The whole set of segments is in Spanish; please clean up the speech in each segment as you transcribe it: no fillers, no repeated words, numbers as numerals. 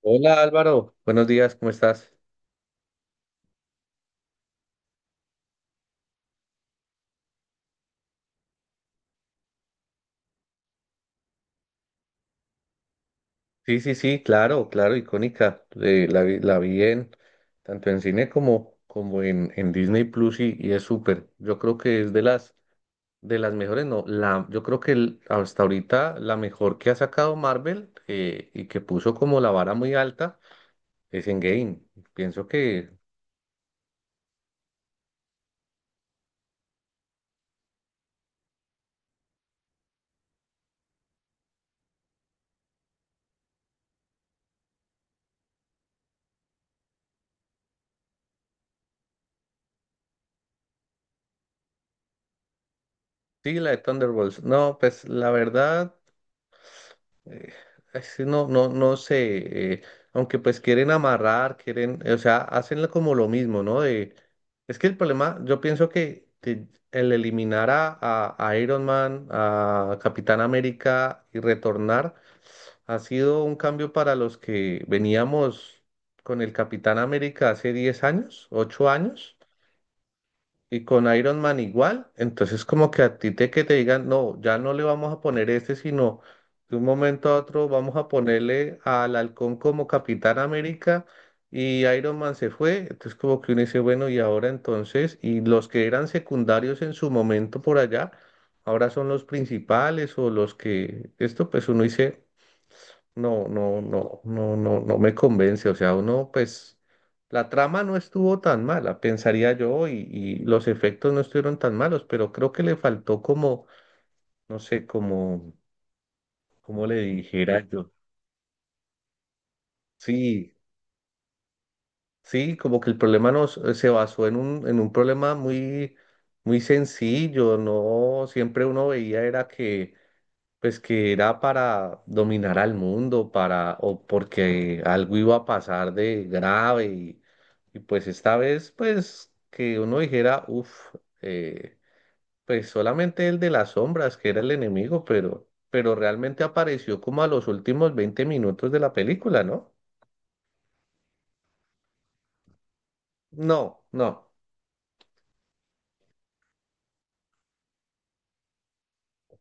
Hola Álvaro, buenos días, ¿cómo estás? Sí, sí, sí, claro, claro, icónica. La vi, la vi en tanto en cine como en Disney Plus y es súper. Yo creo que es de las mejores, no, la, yo creo que hasta ahorita la mejor que ha sacado Marvel y que puso como la vara muy alta es Endgame. Pienso que sí, la de Thunderbolts. No, pues la verdad. eh, es que no, no, no sé, aunque pues quieren amarrar, quieren, o sea, hacen como lo mismo, ¿no? De, es que el problema, yo pienso que el eliminar a Iron Man, a Capitán América y retornar ha sido un cambio para los que veníamos con el Capitán América hace 10 años, 8 años. Y con Iron Man igual, entonces como que a ti te que te digan, no, ya no le vamos a poner este, sino de un momento a otro vamos a ponerle al Halcón como Capitán América y Iron Man se fue, entonces como que uno dice, bueno, y ahora entonces, y los que eran secundarios en su momento por allá, ahora son los principales o los que, esto pues uno dice, no, no, no, no, no, no me convence. O sea, uno, pues, la trama no estuvo tan mala, pensaría yo, y los efectos no estuvieron tan malos, pero creo que le faltó como, no sé, como, como le dijera yo. Sí, sí, como que el problema no se basó en un problema muy sencillo, ¿no? Siempre uno veía era que pues que era para dominar al mundo, para, o porque algo iba a pasar de grave y pues esta vez, pues que uno dijera, uff, pues solamente el de las sombras que era el enemigo, pero realmente apareció como a los últimos 20 minutos de la película, ¿no? No, no.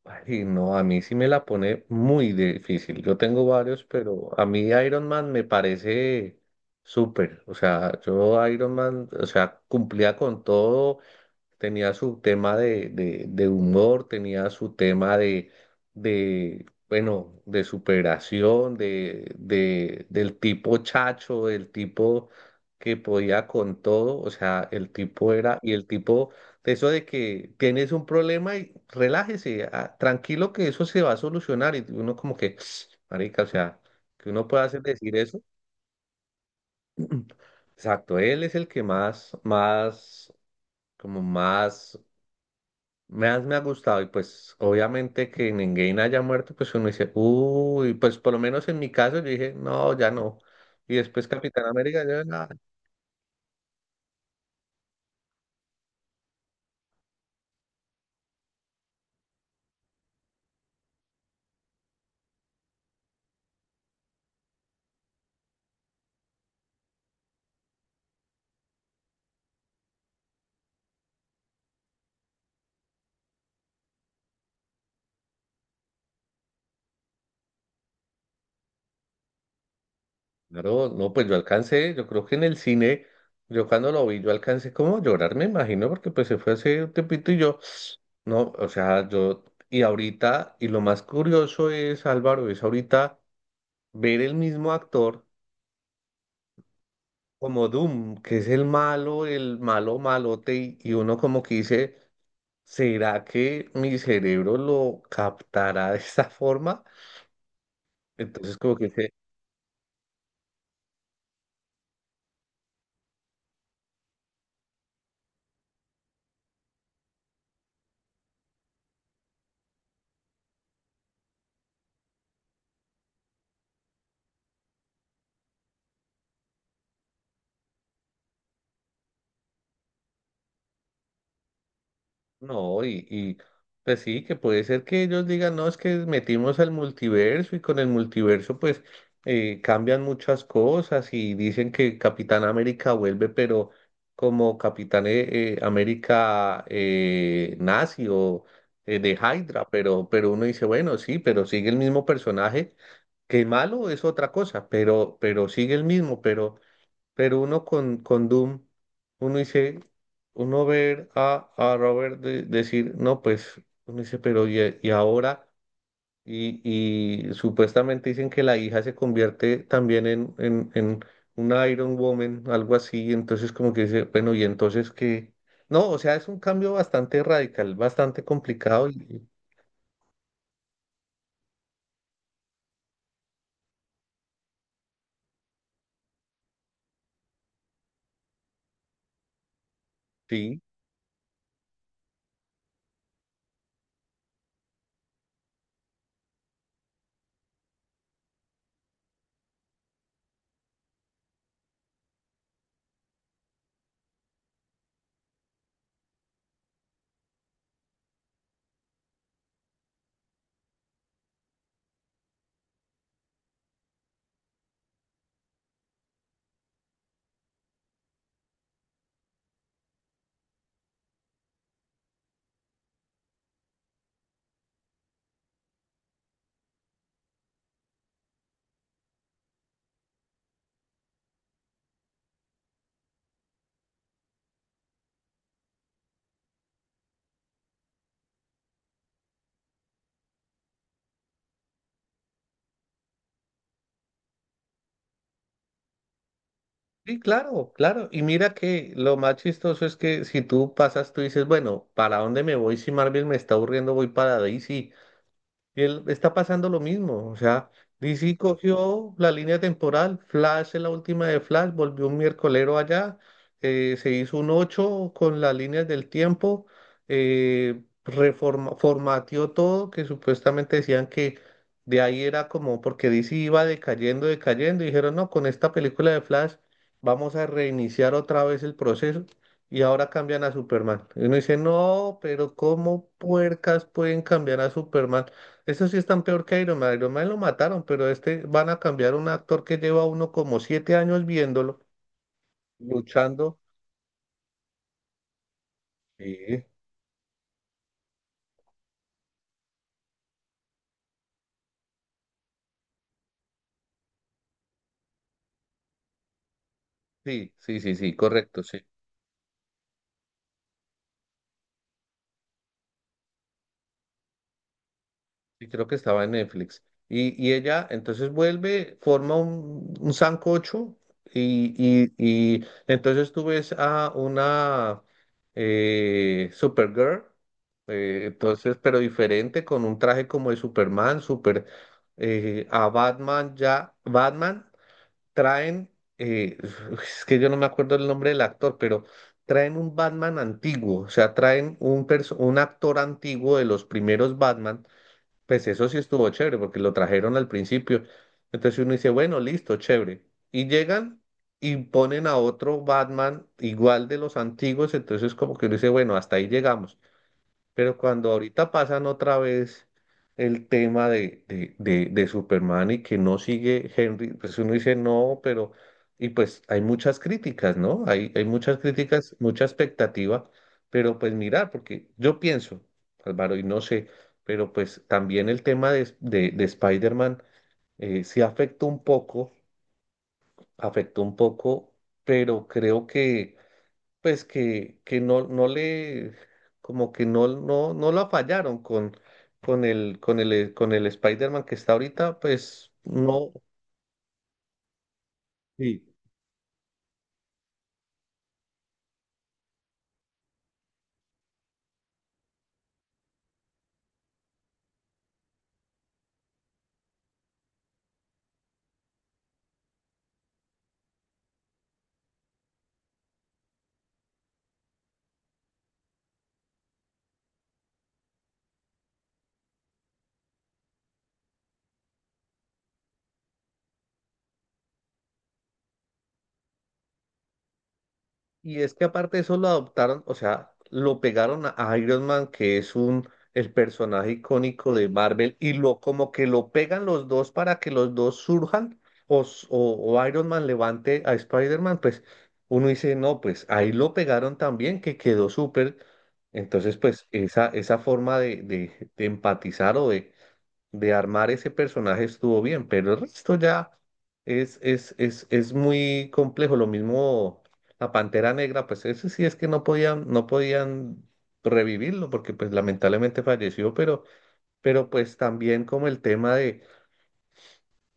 Ay, no, a mí sí me la pone muy difícil. Yo tengo varios, pero a mí Iron Man me parece súper. O sea, yo Iron Man, o sea, cumplía con todo, tenía su tema de humor, tenía su tema de bueno, de superación, del tipo chacho, del tipo que podía con todo, o sea, el tipo era, y el tipo, de eso de que tienes un problema y relájese, ah, tranquilo que eso se va a solucionar, y uno como que, marica, o sea, que uno pueda hacer decir eso. Exacto, él es el que más, como más me ha gustado y pues obviamente que Endgame haya muerto, pues uno dice, uy, pues por lo menos en mi caso yo dije, no, ya no. Y después Capitán América, yo, nada. Claro, no, pues yo alcancé, yo creo que en el cine, yo cuando lo vi, yo alcancé como a llorar, me imagino, porque pues se fue hace un tiempito y yo, no, o sea, yo, y ahorita, y lo más curioso es, Álvaro, es ahorita ver el mismo actor como Doom, que es el malo malote, y uno como que dice, ¿será que mi cerebro lo captará de esa forma? Entonces, como que dice, no, y pues sí, que puede ser que ellos digan, no, es que metimos al multiverso y con el multiverso pues cambian muchas cosas y dicen que Capitán América vuelve, pero como Capitán América nazi o de Hydra, pero uno dice, bueno, sí, pero sigue el mismo personaje, que malo es otra cosa, pero sigue el mismo, pero... Pero uno con Doom, uno dice, uno ver a Robert decir, no, pues, uno dice, pero y ahora, y supuestamente dicen que la hija se convierte también en una Iron Woman, algo así, entonces como que dice, bueno, y entonces que, no, o sea, es un cambio bastante radical, bastante complicado, y. Sí. Sí, claro, claro. Y mira que lo más chistoso es que si tú pasas, tú dices, bueno, ¿para dónde me voy si Marvel me está aburriendo? Voy para DC. Y él está pasando lo mismo. O sea, DC cogió la línea temporal. Flash es la última de Flash. Volvió un miércolero allá. Se hizo un 8 con las líneas del tiempo. Reforma, formateó todo, que supuestamente decían que de ahí era como porque DC iba decayendo, decayendo. Y dijeron, no, con esta película de Flash vamos a reiniciar otra vez el proceso. Y ahora cambian a Superman. Y uno dice, no, pero ¿cómo puercas pueden cambiar a Superman? Eso sí están peor que Iron Man. Iron Man lo mataron, pero este van a cambiar un actor que lleva uno como 7 años viéndolo, luchando. Sí, sí, sí, sí, sí, correcto, sí. Sí, creo que estaba en Netflix. Y ella entonces vuelve, forma un sancocho y, y, y entonces tú ves a una Supergirl, entonces, pero diferente, con un traje como de Superman, super, a Batman ya, Batman. Traen, eh, es que yo no me acuerdo el nombre del actor, pero traen un Batman antiguo, o sea, traen un, un actor antiguo de los primeros Batman, pues eso sí estuvo chévere porque lo trajeron al principio. Entonces uno dice, bueno, listo, chévere. Y llegan y ponen a otro Batman igual de los antiguos, entonces como que uno dice, bueno, hasta ahí llegamos. Pero cuando ahorita pasan otra vez el tema de Superman y que no sigue Henry, pues uno dice no, pero, y pues hay muchas críticas, ¿no? Hay muchas críticas, mucha expectativa, pero pues mirar, porque yo pienso, Álvaro, y no sé, pero pues también el tema de Spider-Man sí afectó un poco, pero creo que pues que no, no le, como que no, no, no la fallaron con el, con el, con el Spider-Man que está ahorita, pues no, sí. Y es que aparte de eso lo adoptaron, o sea, lo pegaron a Iron Man, que es un el personaje icónico de Marvel, y lo como que lo pegan los dos para que los dos surjan, o, o Iron Man levante a Spider-Man, pues uno dice, no, pues ahí lo pegaron también, que quedó súper. Entonces, pues esa forma de empatizar o de armar ese personaje estuvo bien, pero el resto ya es muy complejo. Lo mismo la Pantera Negra, pues ese sí es que no podían, no podían revivirlo porque pues lamentablemente falleció, pero pues también como el tema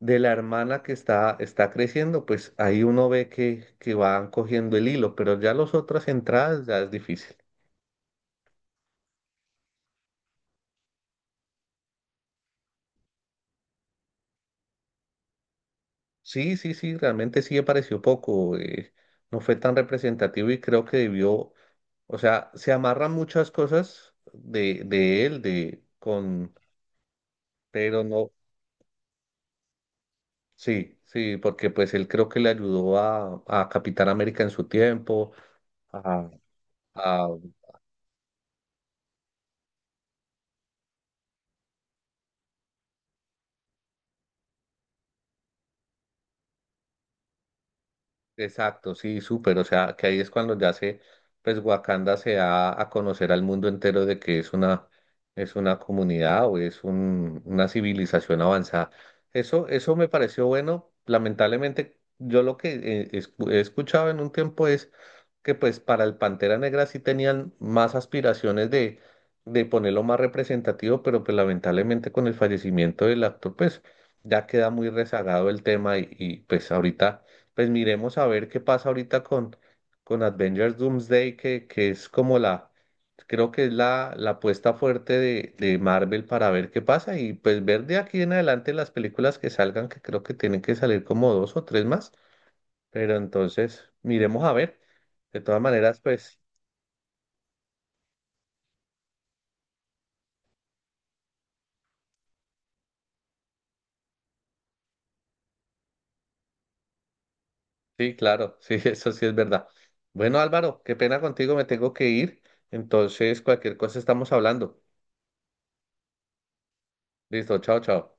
de la hermana que está, está creciendo, pues ahí uno ve que van cogiendo el hilo, pero ya las otras entradas ya es difícil. Sí, sí, sí, realmente sí me pareció poco, no fue tan representativo y creo que debió. O sea, se amarran muchas cosas de él, de con, pero no, sí, sí, porque pues él creo que le ayudó a Capitán América en su tiempo, a, a. Exacto, sí, súper. O sea, que ahí es cuando ya se, pues Wakanda se da a conocer al mundo entero de que es una comunidad o es un, una civilización avanzada. Eso me pareció bueno. Lamentablemente, yo lo que he escuchado en un tiempo es que pues para el Pantera Negra sí tenían más aspiraciones de ponerlo más representativo, pero pues lamentablemente con el fallecimiento del actor, pues ya queda muy rezagado el tema y pues ahorita pues miremos a ver qué pasa ahorita con Avengers Doomsday, que es como la, creo que es la, la apuesta fuerte de Marvel para ver qué pasa y pues ver de aquí en adelante las películas que salgan, que creo que tienen que salir como dos o tres más, pero entonces miremos a ver. De todas maneras, pues sí, claro, sí, eso sí es verdad. Bueno, Álvaro, qué pena contigo, me tengo que ir, entonces cualquier cosa estamos hablando. Listo, chao, chao.